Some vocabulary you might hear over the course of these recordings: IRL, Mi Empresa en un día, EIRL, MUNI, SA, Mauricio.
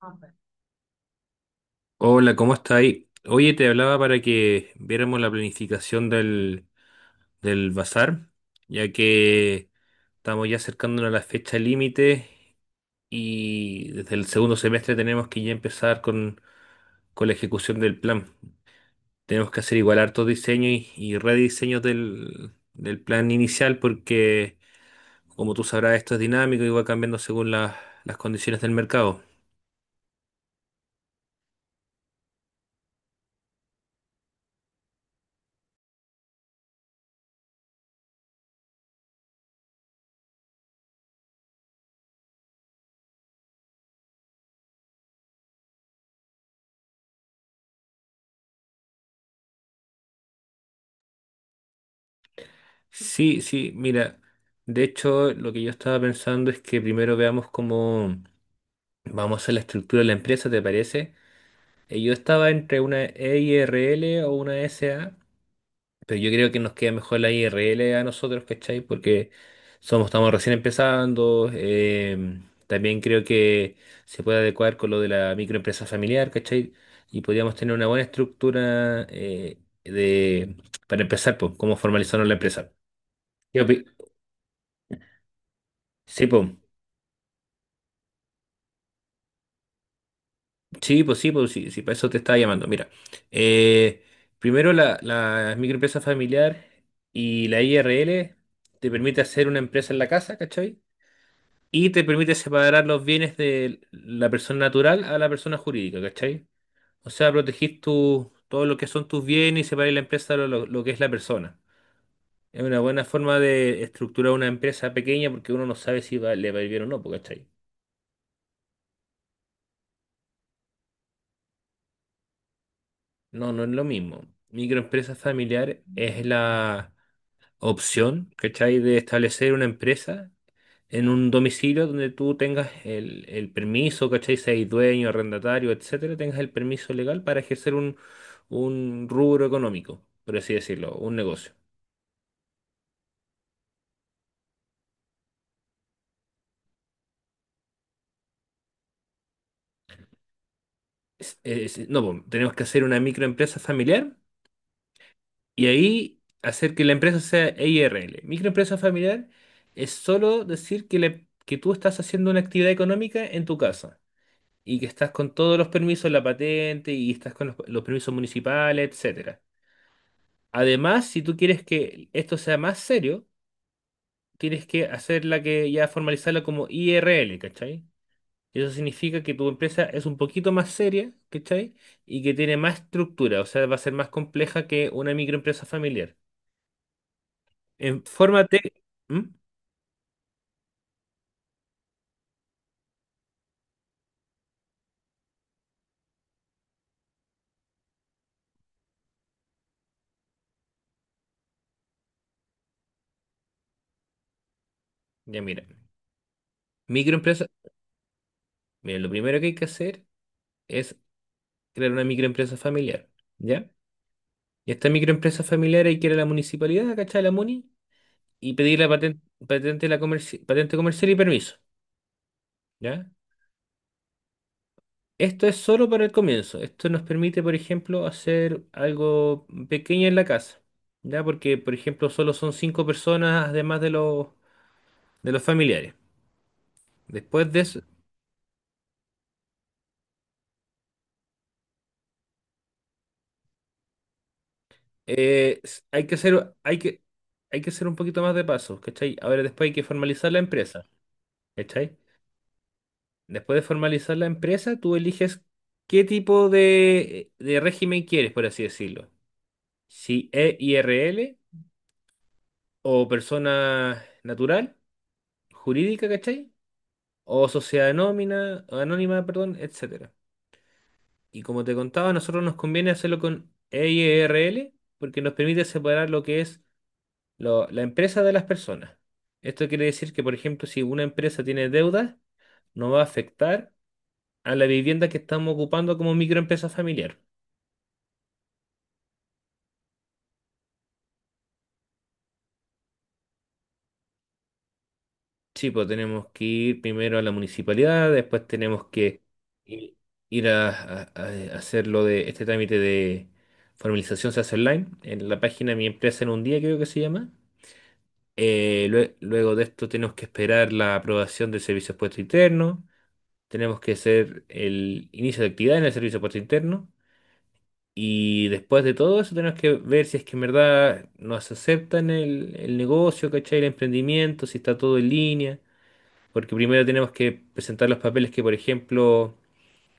Ajá. Hola, ¿cómo está ahí? Oye, te hablaba para que viéramos la planificación del bazar, ya que estamos ya acercándonos a la fecha límite y desde el segundo semestre tenemos que ya empezar con la ejecución del plan. Tenemos que hacer igual hartos diseños y rediseños del plan inicial porque, como tú sabrás, esto es dinámico y va cambiando según las condiciones del mercado. Sí, sí, mira, de hecho lo que yo estaba pensando es que primero veamos cómo vamos a hacer la estructura de la empresa, ¿te parece? Yo estaba entre una EIRL o una SA, pero yo creo que nos queda mejor la IRL a nosotros, ¿cachai? Porque somos, estamos recién empezando, también creo que se puede adecuar con lo de la microempresa familiar, ¿cachai? Y podríamos tener una buena estructura de, para empezar, pues, cómo formalizarnos la empresa. ¿Qué opi- Sí, pues. Sí, pues sí, pues sí, sí, para eso te estaba llamando. Mira, eh, primero la microempresa familiar y la IRL te permite hacer una empresa en la casa, ¿cachai? Y te permite separar los bienes de la persona natural a la persona jurídica, ¿cachai? O sea, protegís todo lo que son tus bienes y separar la empresa de lo que es la persona. Es una buena forma de estructurar una empresa pequeña porque uno no sabe si le va a ir bien o no, pues, ¿cachai? No, no es lo mismo. Microempresa familiar es la opción, ¿cachai? De establecer una empresa en un domicilio donde tú tengas el permiso, ¿cachai? Seas dueño, arrendatario, etcétera, tengas el permiso legal para ejercer un rubro económico, por así decirlo, un negocio. No, po, tenemos que hacer una microempresa familiar y ahí hacer que la empresa sea E I R L. Microempresa familiar es solo decir que que tú estás haciendo una actividad económica en tu casa, y que estás con todos los permisos, la patente y estás con los permisos municipales, etcétera. Además, si tú quieres que esto sea más serio, tienes que hacerla que ya formalizarla como IRL, ¿cachai? Y eso significa que tu empresa es un poquito más seria, ¿cachai? Y que tiene más estructura, o sea, va a ser más compleja que una microempresa familiar. Infórmate. ¿Mm? Ya mira, microempresa. Mira, lo primero que hay que hacer es crear una microempresa familiar, ¿ya? Y esta microempresa familiar hay que ir a la municipalidad, ¿cachai? A la MUNI y pedir patente, patente comercial y permiso, ¿ya? Esto es solo para el comienzo. Esto nos permite, por ejemplo, hacer algo pequeño en la casa, ¿ya? Porque, por ejemplo, solo son cinco personas además de de los familiares. Después de eso, hay que hacer, hay que hacer un poquito más de pasos, ¿cachai? Ahora después hay que formalizar la empresa, ¿cachai? Después de formalizar la empresa, tú eliges qué tipo de régimen quieres, por así decirlo. Si EIRL o persona natural, jurídica, ¿cachai? O sociedad anónima, perdón, etcétera. Y como te contaba, a nosotros nos conviene hacerlo con EIRL porque nos permite separar lo que es la empresa de las personas. Esto quiere decir que, por ejemplo, si una empresa tiene deudas, no va a afectar a la vivienda que estamos ocupando como microempresa familiar. Sí, pues tenemos que ir primero a la municipalidad, después tenemos que i- ir a hacer lo de este trámite de formalización, se hace online, en la página Mi Empresa en un día creo que se llama. Luego de esto tenemos que esperar la aprobación del servicio de puesto interno, tenemos que hacer el inicio de actividad en el servicio de puesto interno y después de todo eso tenemos que ver si es que en verdad nos aceptan el negocio, ¿cachai? El emprendimiento, si está todo en línea porque primero tenemos que presentar los papeles que, por ejemplo,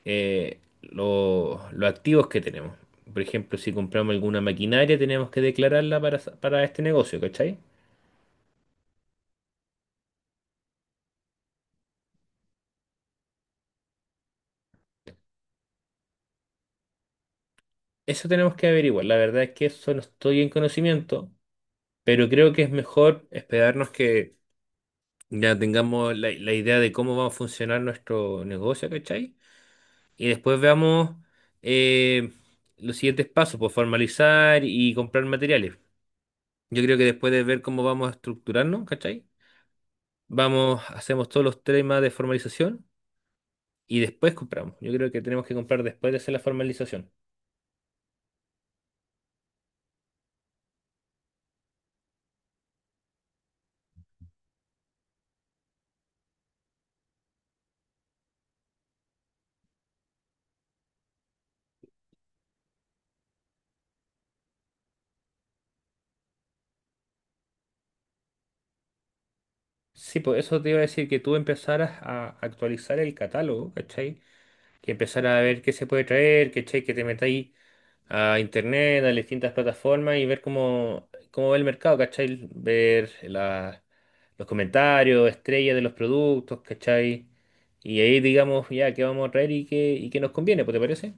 los activos que tenemos. Por ejemplo, si compramos alguna maquinaria, tenemos que declararla para este negocio, ¿cachai? Eso tenemos que averiguar. La verdad es que eso no estoy en conocimiento, pero creo que es mejor esperarnos que ya tengamos la idea de cómo va a funcionar nuestro negocio, ¿cachai? Y después veamos eh, los siguientes pasos, pues formalizar y comprar materiales. Yo creo que después de ver cómo vamos a estructurarnos, ¿cachai? Vamos, hacemos todos los temas de formalización y después compramos. Yo creo que tenemos que comprar después de hacer la formalización. Sí, pues eso te iba a decir que tú empezaras a actualizar el catálogo, ¿cachai? Que empezaras a ver qué se puede traer, ¿cachai? Que te metáis a internet, a las distintas plataformas y ver cómo, cómo va el mercado, ¿cachai? Los comentarios, estrellas de los productos, ¿cachai? Y ahí digamos ya qué vamos a traer y qué nos conviene, pues, ¿te parece?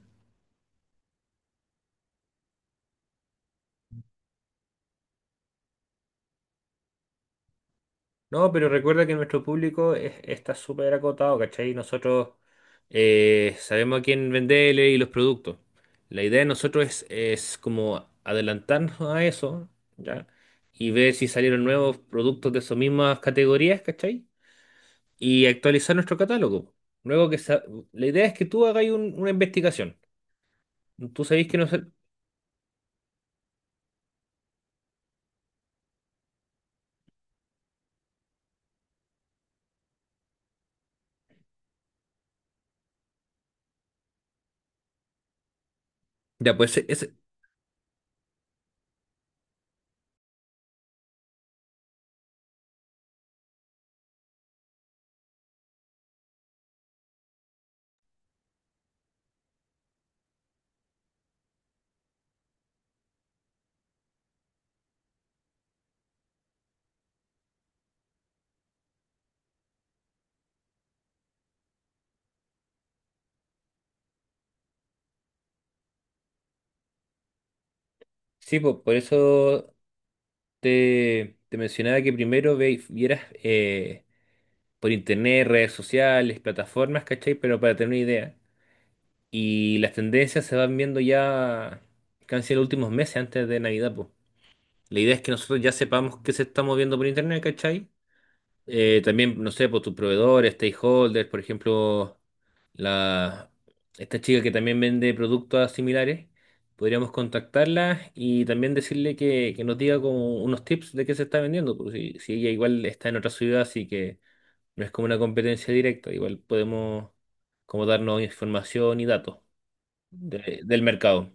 No, pero recuerda que nuestro público está súper acotado, ¿cachai? Nosotros sabemos a quién venderle y los productos. La idea de nosotros es como adelantarnos a eso, ¿ya? Y ver si salieron nuevos productos de esas mismas categorías, ¿cachai? Y actualizar nuestro catálogo. Luego que sa- la idea es que tú hagas una investigación. Tú sabés que no sé. Ya, pues sí, pues, por eso te mencionaba que primero vieras por internet, redes sociales, plataformas, ¿cachai? Pero para tener una idea. Y las tendencias se van viendo ya casi en los últimos meses antes de Navidad, pues. La idea es que nosotros ya sepamos qué se está moviendo por internet, ¿cachai? También, no sé, por tus proveedores, stakeholders, por ejemplo, la, esta chica que también vende productos similares, podríamos contactarla y también decirle que nos diga como unos tips de qué se está vendiendo, pues, si, si ella igual está en otra ciudad, así que no es como una competencia directa, igual podemos como darnos información y datos del mercado.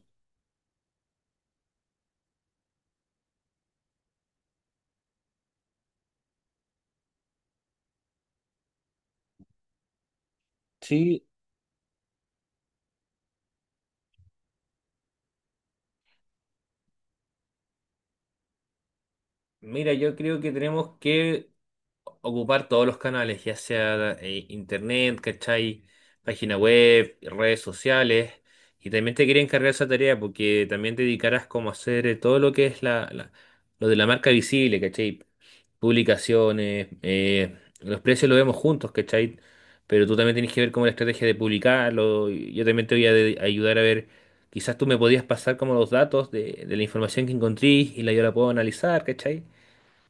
Sí, mira, yo creo que tenemos que ocupar todos los canales, ya sea internet, ¿cachai? Página web, redes sociales. Y también te quería encargar esa tarea porque también te dedicarás como a hacer todo lo que es lo de la marca visible, ¿cachai? Publicaciones, los precios los vemos juntos, ¿cachai? Pero tú también tienes que ver como la estrategia de publicarlo. Y yo también te voy a ayudar a ver, quizás tú me podías pasar como los datos de la información que encontré y la yo la puedo analizar, ¿cachai?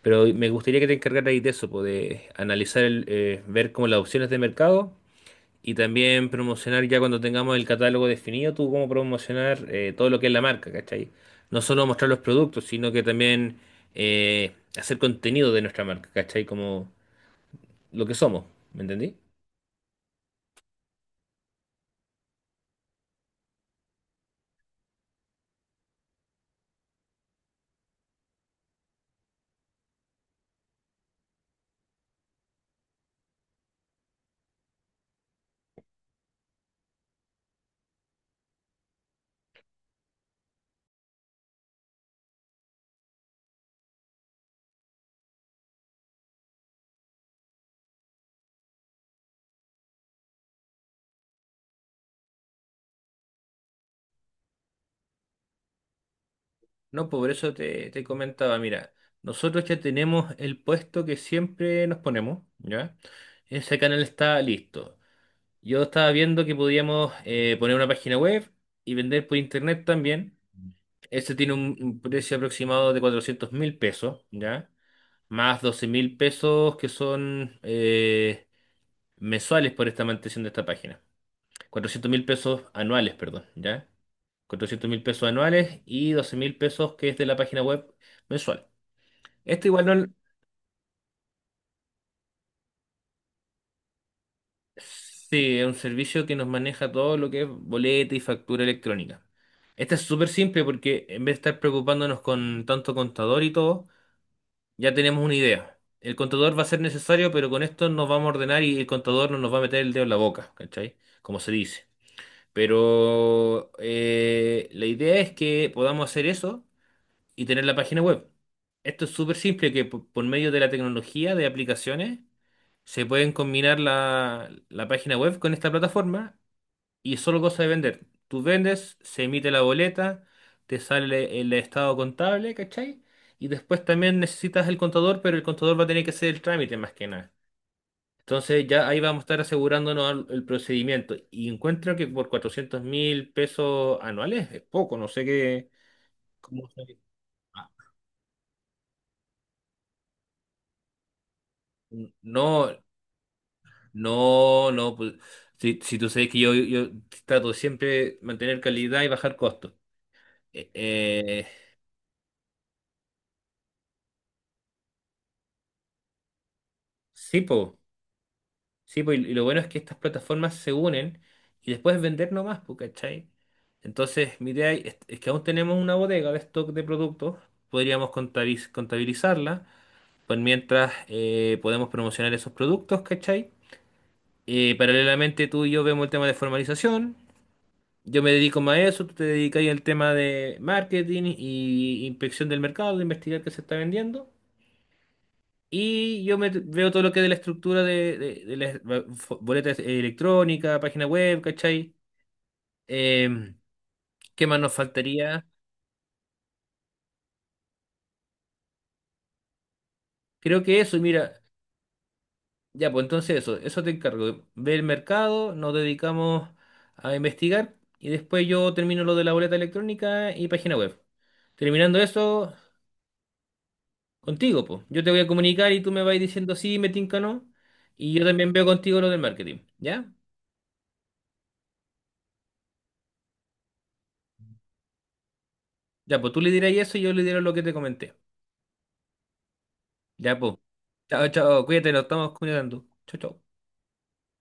Pero me gustaría que te encargarais de eso, po, de analizar, el, ver como las opciones de mercado y también promocionar ya cuando tengamos el catálogo definido, tú cómo promocionar todo lo que es la marca, ¿cachai? No solo mostrar los productos, sino que también hacer contenido de nuestra marca, ¿cachai? Como lo que somos, ¿me entendí? No, po, por eso te comentaba, mira, nosotros ya tenemos el puesto que siempre nos ponemos, ¿ya? Ese canal está listo. Yo estaba viendo que podíamos poner una página web y vender por internet también. Este tiene un precio aproximado de $400.000, ¿ya? Más $12.000 que son mensuales por esta mantención de esta página. $400.000 anuales, perdón, ¿ya? $400.000 anuales y $12.000 que es de la página web mensual. Esto igual no, sí, es un servicio que nos maneja todo lo que es boleta y factura electrónica. Esta es súper simple porque en vez de estar preocupándonos con tanto contador y todo, ya tenemos una idea. El contador va a ser necesario, pero con esto nos vamos a ordenar y el contador no nos va a meter el dedo en la boca, ¿cachai? Como se dice. Pero la idea es que podamos hacer eso y tener la página web. Esto es súper simple que por medio de la tecnología de aplicaciones se pueden combinar la página web con esta plataforma y es solo cosa de vender. Tú vendes, se emite la boleta, te sale el estado contable, ¿cachai? Y después también necesitas el contador, pero el contador va a tener que hacer el trámite más que nada. Entonces ya ahí vamos a estar asegurándonos el procedimiento. Y encuentro que por $400.000 anuales es poco, no sé qué. Ah. No, no, no, pues, si, si tú sabes que yo trato siempre de mantener calidad y bajar costos. Eh, eh, sí, pues. Sí, pues, y lo bueno es que estas plataformas se unen y después vender nomás, pues, ¿cachai? Entonces, mi idea es que aún tenemos una bodega de stock de productos, podríamos contabilizarla, pues mientras podemos promocionar esos productos, ¿cachai? Paralelamente tú y yo vemos el tema de formalización, yo me dedico más a eso, tú te dedicas al tema de marketing y inspección del mercado, de investigar qué se está vendiendo. Y yo me veo todo lo que es de la estructura de las boletas electrónicas, página web, ¿cachai? Em, ¿Qué más nos faltaría? Creo que eso, mira, ya, pues entonces eso te encargo. Ve el mercado, nos dedicamos a investigar y después yo termino lo de la boleta electrónica y página web. Terminando eso, contigo, pues. Yo te voy a comunicar y tú me vas diciendo sí, me tinca no. Y yo también veo contigo lo del marketing, ¿ya? Ya, pues tú le dirás eso y yo le diré lo que te comenté. Ya, pues. Chao, chao. Cuídate, nos estamos cuidando. Chao, chao.